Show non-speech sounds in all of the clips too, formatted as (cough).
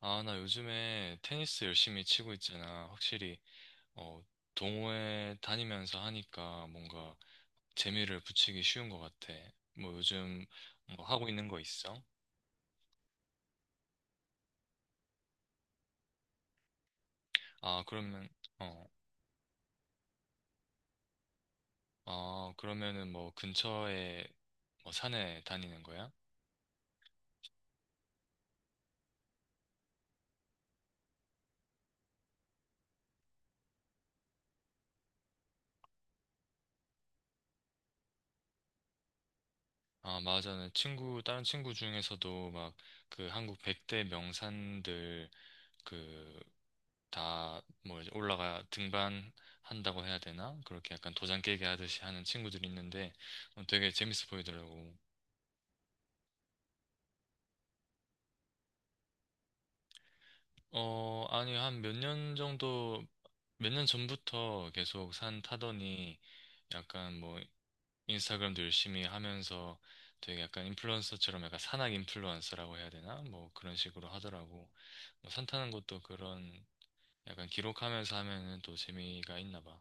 아, 나 요즘에 테니스 열심히 치고 있잖아. 확실히, 어, 동호회 다니면서 하니까 뭔가 재미를 붙이기 쉬운 것 같아. 뭐 요즘 뭐 하고 있는 거 있어? 아, 그러면, 어, 아, 그러면은 뭐 근처에 뭐 산에 다니는 거야? 아, 맞아. 나 친구, 다른 친구 중에서도 막 그 한국 100대 명산들 그 다 뭐 이제 올라가 등반한다고 해야 되나? 그렇게 약간 도장 깨기 하듯이 하는 친구들이 있는데 어, 되게 재밌어 보이더라고. 어, 아니 한 몇 년 정도 몇 년 전부터 계속 산 타더니 약간 뭐 인스타그램도 열심히 하면서 되게 약간 인플루언서처럼 약간 산악 인플루언서라고 해야 되나? 뭐 그런 식으로 하더라고. 뭐 산 타는 것도 그런 약간 기록하면서 하면은 또 재미가 있나 봐.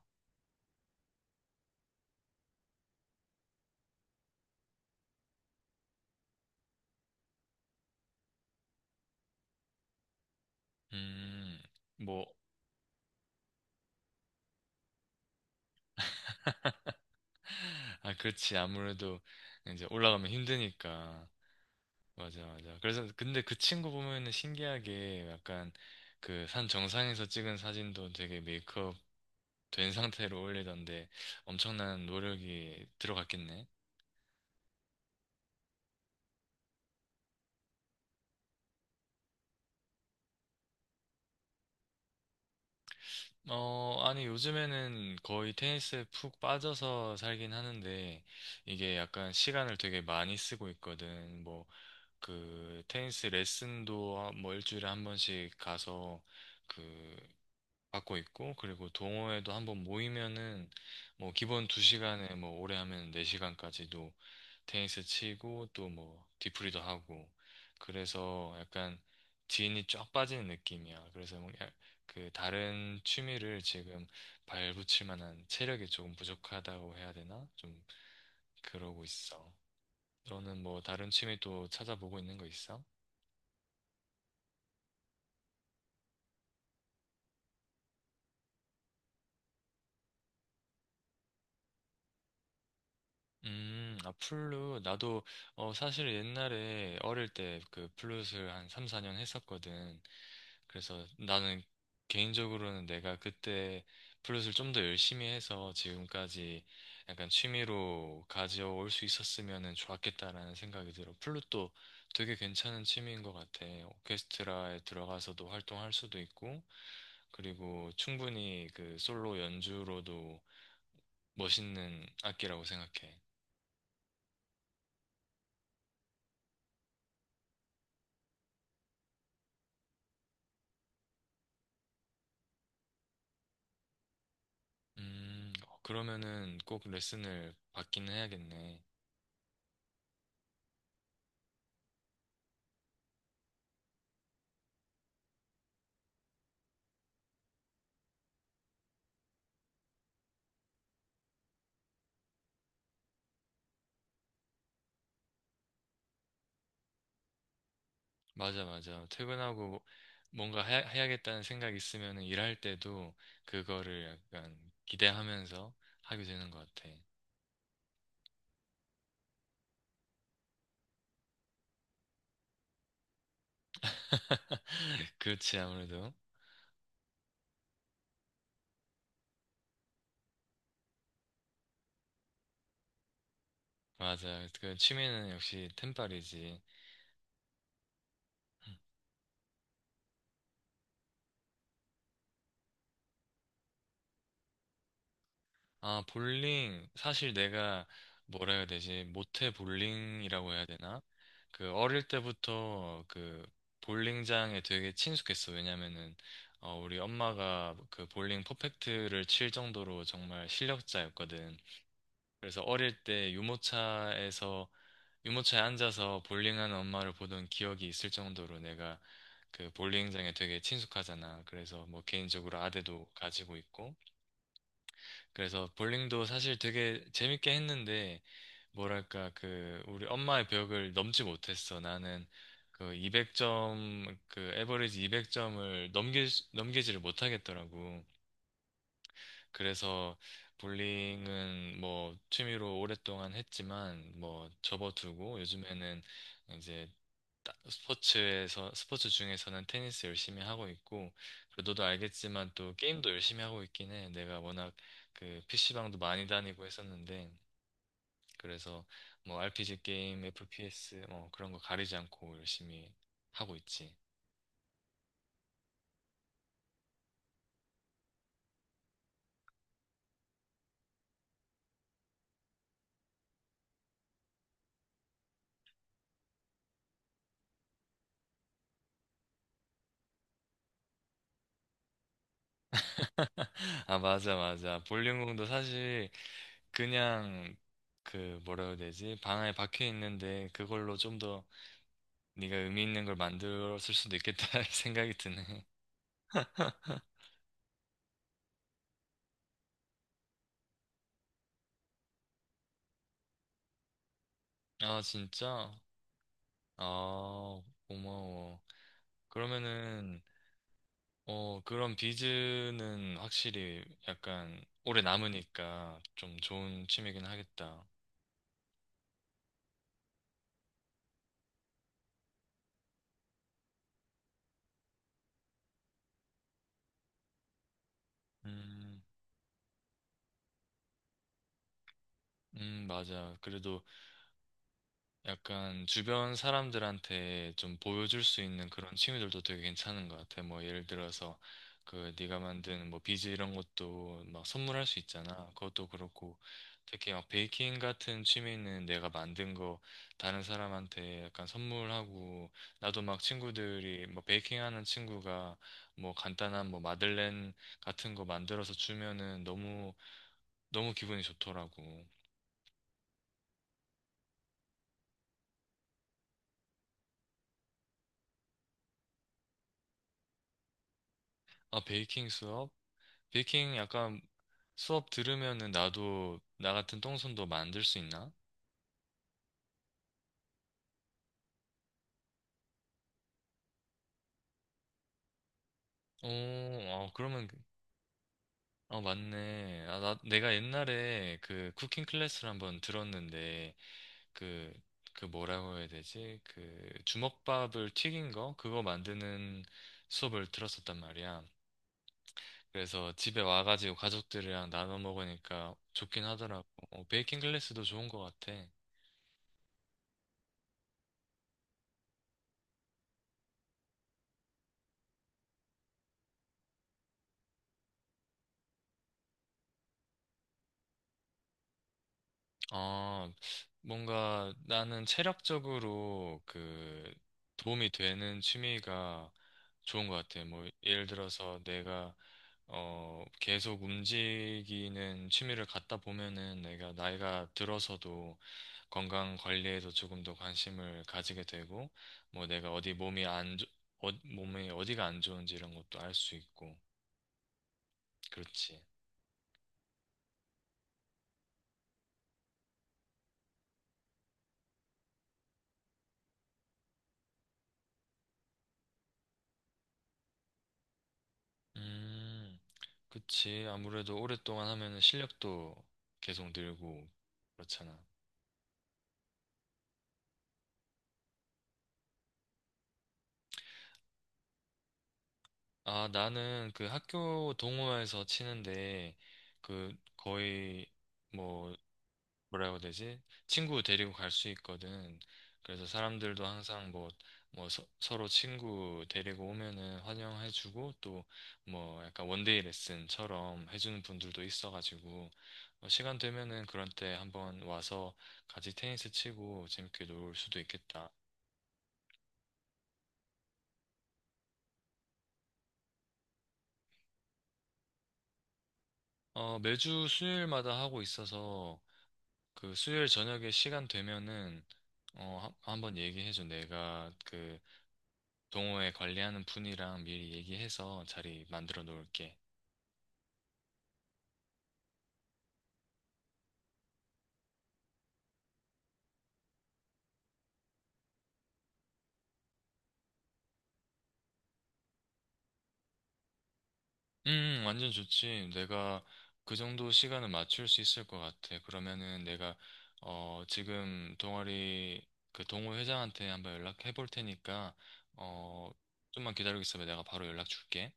음. 뭐 아, 그렇지. 아무래도 이제 올라가면 힘드니까. 맞아, 맞아. 그래서 근데 그 친구 보면은 신기하게 약간 그 산 정상에서 찍은 사진도 되게 메이크업 된 상태로 올리던데 엄청난 노력이 들어갔겠네. 어, 아니, 요즘에는 거의 테니스에 푹 빠져서 살긴 하는데, 이게 약간 시간을 되게 많이 쓰고 있거든. 뭐, 그, 테니스 레슨도 뭐 일주일에 한 번씩 가서, 그 갖고 있고, 그리고 동호회도 한번 모이면은, 뭐, 기본 2시간에 뭐, 오래 하면 4시간까지도 테니스 치고, 또 뭐, 뒤풀이도 하고, 그래서 약간 지인이 쫙 빠지는 느낌이야. 그래서 뭐 그, 다른 취미를 지금 발붙일 만한 체력이 조금 부족하다고 해야 되나? 좀, 그러고 있어. 너는 뭐, 다른 취미 또 찾아보고 있는 거 있어? 아, 플룻. 나도, 어, 사실 옛날에 어릴 때 그 플룻을 한 3, 4년 했었거든. 그래서 나는 개인적으로는 내가 그때 플룻을 좀 더 열심히 해서 지금까지 약간 취미로 가져올 수 있었으면 좋았겠다라는 생각이 들어. 플룻도 되게 괜찮은 취미인 것 같아. 오케스트라에 들어가서도 활동할 수도 있고, 그리고 충분히 그 솔로 연주로도 멋있는 악기라고 생각해. 음, 그러면은 꼭 레슨을 받기는 해야겠네. 맞아, 맞아. 퇴근하고 뭔가 해야, 해야겠다는 생각 있으면은 일할 때도 그거를 약간 기대하면서 하게 되는 것 같아. (laughs) 그렇지, 아무래도. 맞아. 그 취미는 역시 템빨이지. 아, 볼링. 사실 내가 뭐라 해야 되지? 모태 볼링이라고 해야 되나? 그 어릴 때부터 그 볼링장에 되게 친숙했어. 왜냐면은 어, 우리 엄마가 그 볼링 퍼펙트를 칠 정도로 정말 실력자였거든. 그래서 어릴 때 유모차에 앉아서 볼링하는 엄마를 보던 기억이 있을 정도로 내가 그 볼링장에 되게 친숙하잖아. 그래서 뭐 개인적으로 아대도 가지고 있고. 그래서 볼링도 사실 되게 재밌게 했는데, 뭐랄까, 그, 우리 엄마의 벽을 넘지 못했어. 나는 그 200점, 그, 에버리지 200점을 넘기지를 못하겠더라고. 그래서 볼링은 뭐 취미로 오랫동안 했지만, 뭐 접어두고, 요즘에는 이제 스포츠 중에서는 테니스 열심히 하고 있고, 그리고 너도 알겠지만 또 게임도 열심히 하고 있긴 해. 내가 워낙 그 PC방도 많이 다니고 했었는데, 그래서 뭐 RPG 게임, FPS, 뭐 그런 거 가리지 않고 열심히 하고 있지. (laughs) 아, 맞아, 맞아. 볼링공도 사실 그냥 그 뭐라 해야 되지? 방 안에 박혀 있는데 그걸로 좀 더 네가 의미 있는 걸 만들었을 수도 있겠다 (laughs) 생각이 드네. (laughs) 아, 진짜? 아, 고마워. 그러면은, 어, 그런 비즈는 확실히 약간 오래 남으니까 좀 좋은 취미긴 하겠다. 음, 맞아. 그래도 약간 주변 사람들한테 좀 보여줄 수 있는 그런 취미들도 되게 괜찮은 것 같아. 뭐 예를 들어서 그 네가 만든 뭐 비즈 이런 것도 막 선물할 수 있잖아. 그것도 그렇고 특히 막 베이킹 같은 취미는 내가 만든 거 다른 사람한테 약간 선물하고 나도 막 친구들이 뭐 베이킹 하는 친구가 뭐 간단한 뭐 마들렌 같은 거 만들어서 주면은 너무 너무 기분이 좋더라고. 아, 베이킹 수업? 베이킹 약간 수업 들으면은 나도 나 같은 똥손도 만들 수 있나? 어, 어, 그러면, 어, 맞네. 아, 나, 내가 옛날에 그 쿠킹 클래스를 한번 들었는데, 그, 그 뭐라고 해야 되지? 그 주먹밥을 튀긴 거? 그거 만드는 수업을 들었었단 말이야. 그래서 집에 와가지고 가족들이랑 나눠 먹으니까 좋긴 하더라고. 어, 베이킹 클래스도 좋은 것 같아. 아, 뭔가 나는 체력적으로 그 도움이 되는 취미가 좋은 것 같아. 뭐, 예를 들어서 내가, 어, 계속 움직이는 취미를 갖다 보면은 내가 나이가 들어서도 건강 관리에도 조금 더 관심을 가지게 되고, 뭐 내가 어디 몸이 안, 좋- 어, 몸이 어디가 안 좋은지 이런 것도 알 수 있고, 그렇지. 음. 그치. 아무래도 오랫동안 하면은 실력도 계속 늘고, 그렇잖아. 아, 나는 그 학교 동호회에서 치는데, 그 거의 뭐 뭐라고 해야 되지? 친구 데리고 갈 수 있거든. 그래서 사람들도 항상 뭐, 서로 친구 데리고 오면은 환영해주고 또 뭐 약간 원데이 레슨처럼 해주는 분들도 있어가지고 어, 시간 되면은 그런 때 한번 와서 같이 테니스 치고 재밌게 놀 수도 있겠다. 어, 매주 수요일마다 하고 있어서 그 수요일 저녁에 시간 되면은 어, 한번 얘기해줘. 내가 그 동호회 관리하는 분이랑 미리 얘기해서 자리 만들어 놓을게. 음, 완전 좋지. 내가 그 정도 시간은 맞출 수 있을 것 같아. 그러면은 내가, 어, 지금 동아리, 그 동호회장한테 한번 연락해 볼 테니까, 어, 좀만 기다리고 있어봐. 내가 바로 연락 줄게.